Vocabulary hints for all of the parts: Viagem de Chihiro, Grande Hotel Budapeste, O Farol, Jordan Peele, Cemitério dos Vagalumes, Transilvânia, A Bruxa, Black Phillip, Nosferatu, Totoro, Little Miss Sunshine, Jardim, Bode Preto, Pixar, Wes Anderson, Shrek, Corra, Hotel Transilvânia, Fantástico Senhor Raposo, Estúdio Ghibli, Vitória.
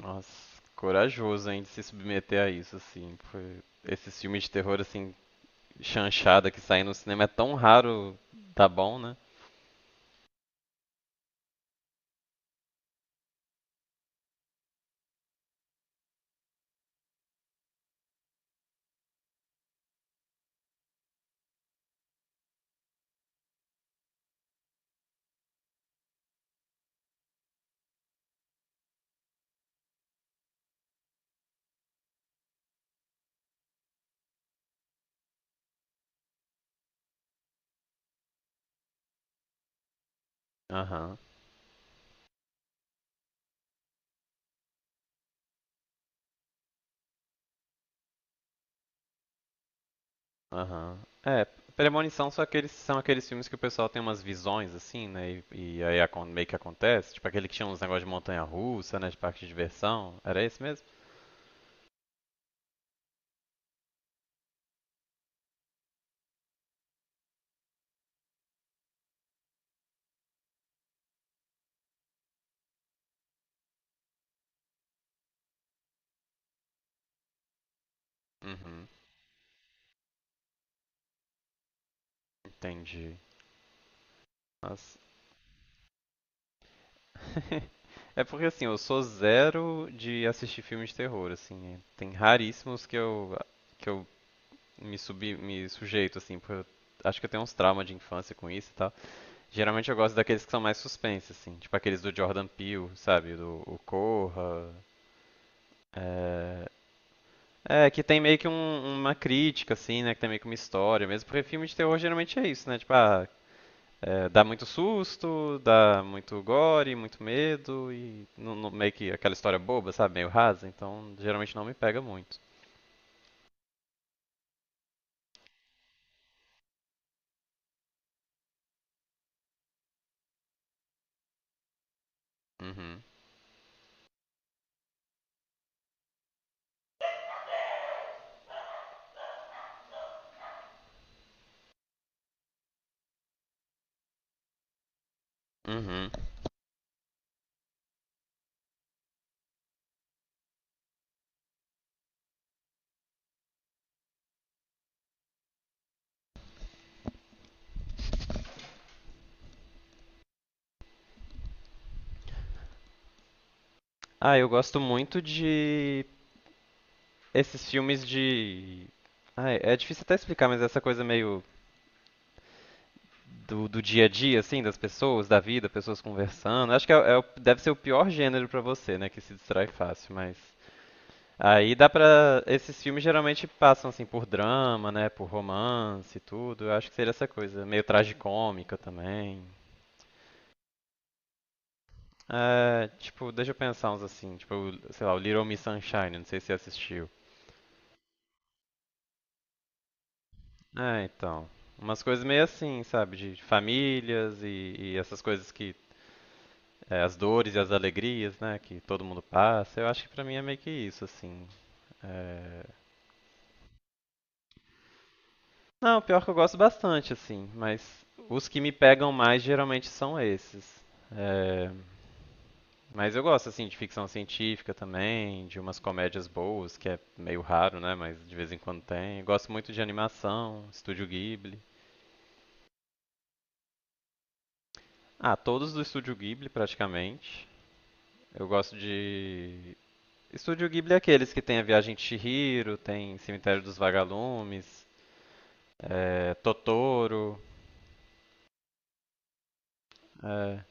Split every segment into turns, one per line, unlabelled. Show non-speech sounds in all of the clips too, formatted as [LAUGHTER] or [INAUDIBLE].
Nossa, corajoso, hein, de se submeter a isso, assim. Esses filmes de terror, assim, chanchada que saem no cinema é tão raro, tá bom, né? Aham, aham. É, Premonição são aqueles filmes que o pessoal tem umas visões, assim, né? E aí meio que acontece. Tipo aquele que tinha uns negócios de montanha-russa, né? De parque de diversão. Era esse mesmo? Uhum, entendi. Nossa. [LAUGHS] É porque assim, eu sou zero de assistir filmes de terror, assim. Tem raríssimos que eu me subi, me sujeito, assim, porque eu acho que eu tenho uns traumas de infância com isso e tal. Geralmente eu gosto daqueles que são mais suspense, assim, tipo aqueles do Jordan Peele, sabe? Do o Corra. É... que tem meio que uma crítica, assim, né? Que tem meio que uma história mesmo, porque filme de terror geralmente é isso, né? Tipo, ah, dá muito susto, dá muito gore, muito medo e meio que aquela história boba, sabe? Meio rasa, então geralmente não me pega muito. Uhum. Uhum. Ah, eu gosto muito de esses filmes de. Ah, é difícil até explicar, mas essa coisa meio do dia a dia, assim, das pessoas, da vida, pessoas conversando. Acho que é deve ser o pior gênero pra você, né, que se distrai fácil, mas. Aí dá pra. Esses filmes geralmente passam, assim, por drama, né, por romance e tudo. Eu acho que seria essa coisa, meio tragicômica também. É, tipo, deixa eu pensar uns assim, tipo, sei lá, o Little Miss Sunshine, não sei se você assistiu. É, então. Umas coisas meio assim, sabe? De famílias e essas coisas que. As dores e as alegrias, né? Que todo mundo passa. Eu acho que pra mim é meio que isso, assim. É... Não, pior que eu gosto bastante, assim. Mas os que me pegam mais geralmente são esses. É... Mas eu gosto, assim, de ficção científica também, de umas comédias boas, que é meio raro, né? Mas de vez em quando tem. Gosto muito de animação, Estúdio Ghibli. Ah, todos do Estúdio Ghibli, praticamente. Eu gosto de. Estúdio Ghibli é aqueles que tem a Viagem de Chihiro, tem Cemitério dos Vagalumes, Totoro. é,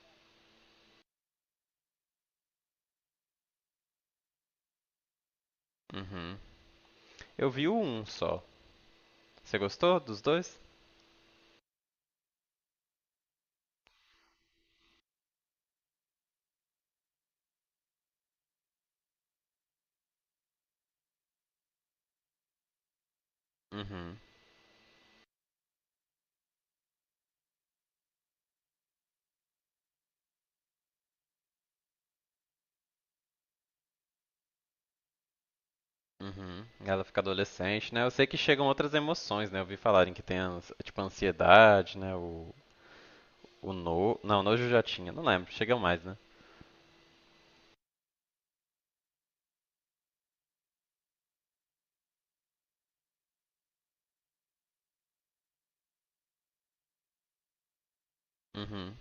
uhum. Eu vi um só. Você gostou dos dois? Uhum. Uhum. Ela fica adolescente, né? Eu sei que chegam outras emoções, né? Eu vi falarem que tem, tipo, ansiedade, né? O no... Não, nojo já tinha, não lembro. Chegam mais, né? Uhum.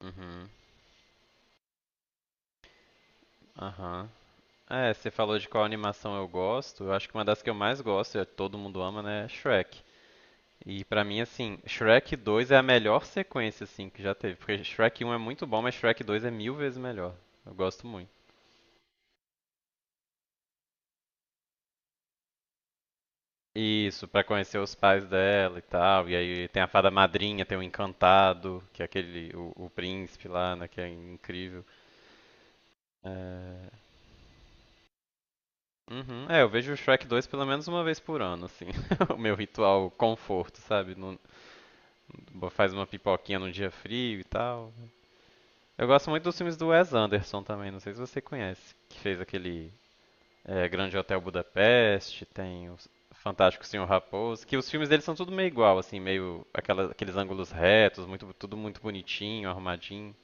Uhum. Aham. É, você falou de qual animação eu gosto. Eu acho que uma das que eu mais gosto, e todo mundo ama, né, é Shrek. E pra mim, assim, Shrek 2 é a melhor sequência, assim, que já teve. Porque Shrek 1 é muito bom, mas Shrek 2 é mil vezes melhor. Eu gosto muito. Isso, pra conhecer os pais dela e tal. E aí tem a fada madrinha, tem o encantado, que é aquele, o príncipe lá, né, que é incrível. É... Uhum. É, eu vejo o Shrek 2 pelo menos uma vez por ano, assim. [LAUGHS] O meu ritual conforto, sabe? Não, faz uma pipoquinha num dia frio e tal. Eu gosto muito dos filmes do Wes Anderson também, não sei se você conhece. Que fez aquele Grande Hotel Budapeste, tem o Fantástico Senhor Raposo, que os filmes dele são tudo meio igual, assim, meio aqueles ângulos retos, muito, tudo muito bonitinho, arrumadinho.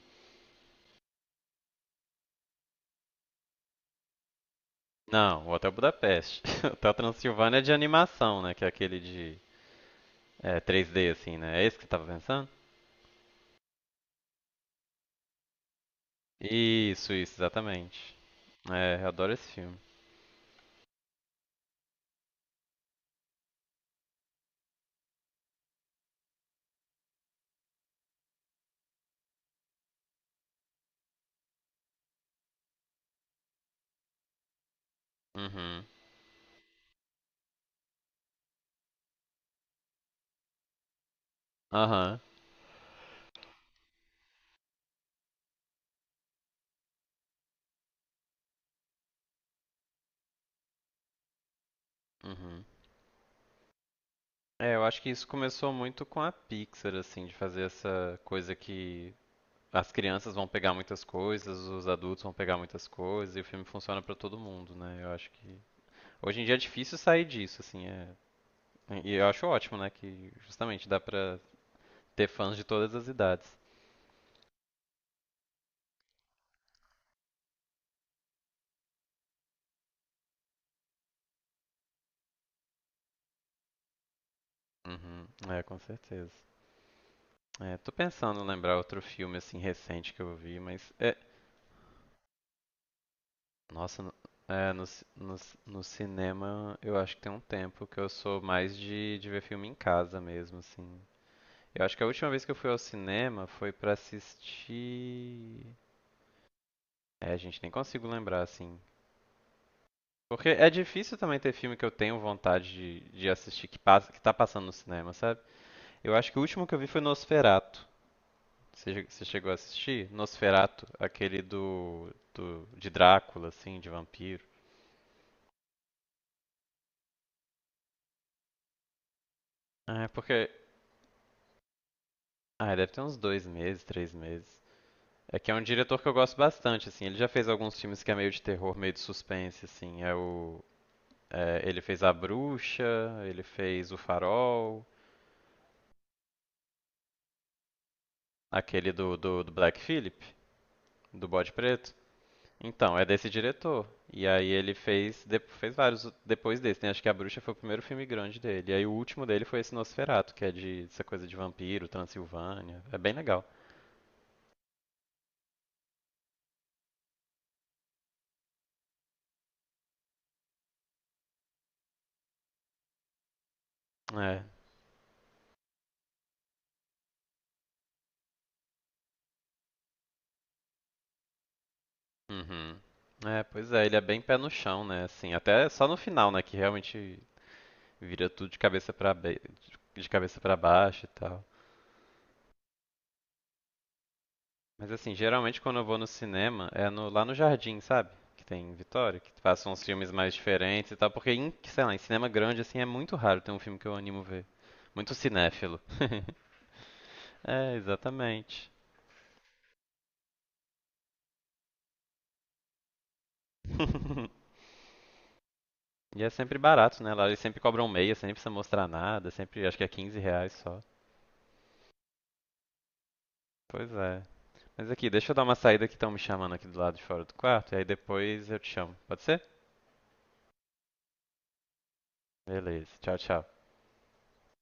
Não, o Hotel Budapeste. [LAUGHS] O Hotel Transilvânia é de animação, né? Que é aquele de 3D, assim, né? É esse que você tava pensando? Isso, exatamente. É, eu adoro esse filme. Uhum. Aham. Uhum. É, eu acho que isso começou muito com a Pixar, assim, de fazer essa coisa que as crianças vão pegar muitas coisas, os adultos vão pegar muitas coisas, e o filme funciona pra todo mundo, né? Eu acho que hoje em dia é difícil sair disso, assim, e eu acho ótimo, né, que justamente dá pra ter fãs de todas as idades. Uhum, com certeza. É, tô pensando em lembrar outro filme assim recente que eu vi, mas Nossa, no cinema eu acho que tem um tempo que eu sou mais de ver filme em casa mesmo, assim. Eu acho que a última vez que eu fui ao cinema foi pra assistir. É, gente, nem consigo lembrar, assim. Porque é difícil também ter filme que eu tenho vontade de assistir que passa, que tá passando no cinema, sabe? Eu acho que o último que eu vi foi Nosferatu. Você, você chegou a assistir? Nosferatu aquele de Drácula, assim, de vampiro. É, porque. Ah, deve ter uns 2 meses, 3 meses. É que é um diretor que eu gosto bastante, assim. Ele já fez alguns filmes que é meio de terror, meio de suspense, assim. É o. Ele fez A Bruxa, ele fez O Farol, aquele do Black Phillip, do Bode Preto. Então, é desse diretor. E aí ele fez vários depois desse, né? Acho que A Bruxa foi o primeiro filme grande dele. E aí o último dele foi esse Nosferatu, que é de essa coisa de vampiro, Transilvânia. É bem legal. É, Uhum. É, pois é, ele é bem pé no chão, né? Assim, até só no final, né, que realmente vira tudo de cabeça para baixo e tal. Mas assim, geralmente quando eu vou no cinema é no lá no Jardim, sabe? Que tem em Vitória, que passam uns filmes mais diferentes e tal, porque em, sei lá, em cinema grande assim é muito raro ter um filme que eu animo ver. Muito cinéfilo. [LAUGHS] É, exatamente. [LAUGHS] E é sempre barato, né? Lá eles sempre cobram meia, sem precisa mostrar nada, sempre acho que é 15 reais só. Pois é. Mas aqui, deixa eu dar uma saída que estão me chamando aqui do lado de fora do quarto, e aí depois eu te chamo. Pode ser? Beleza. Tchau, tchau.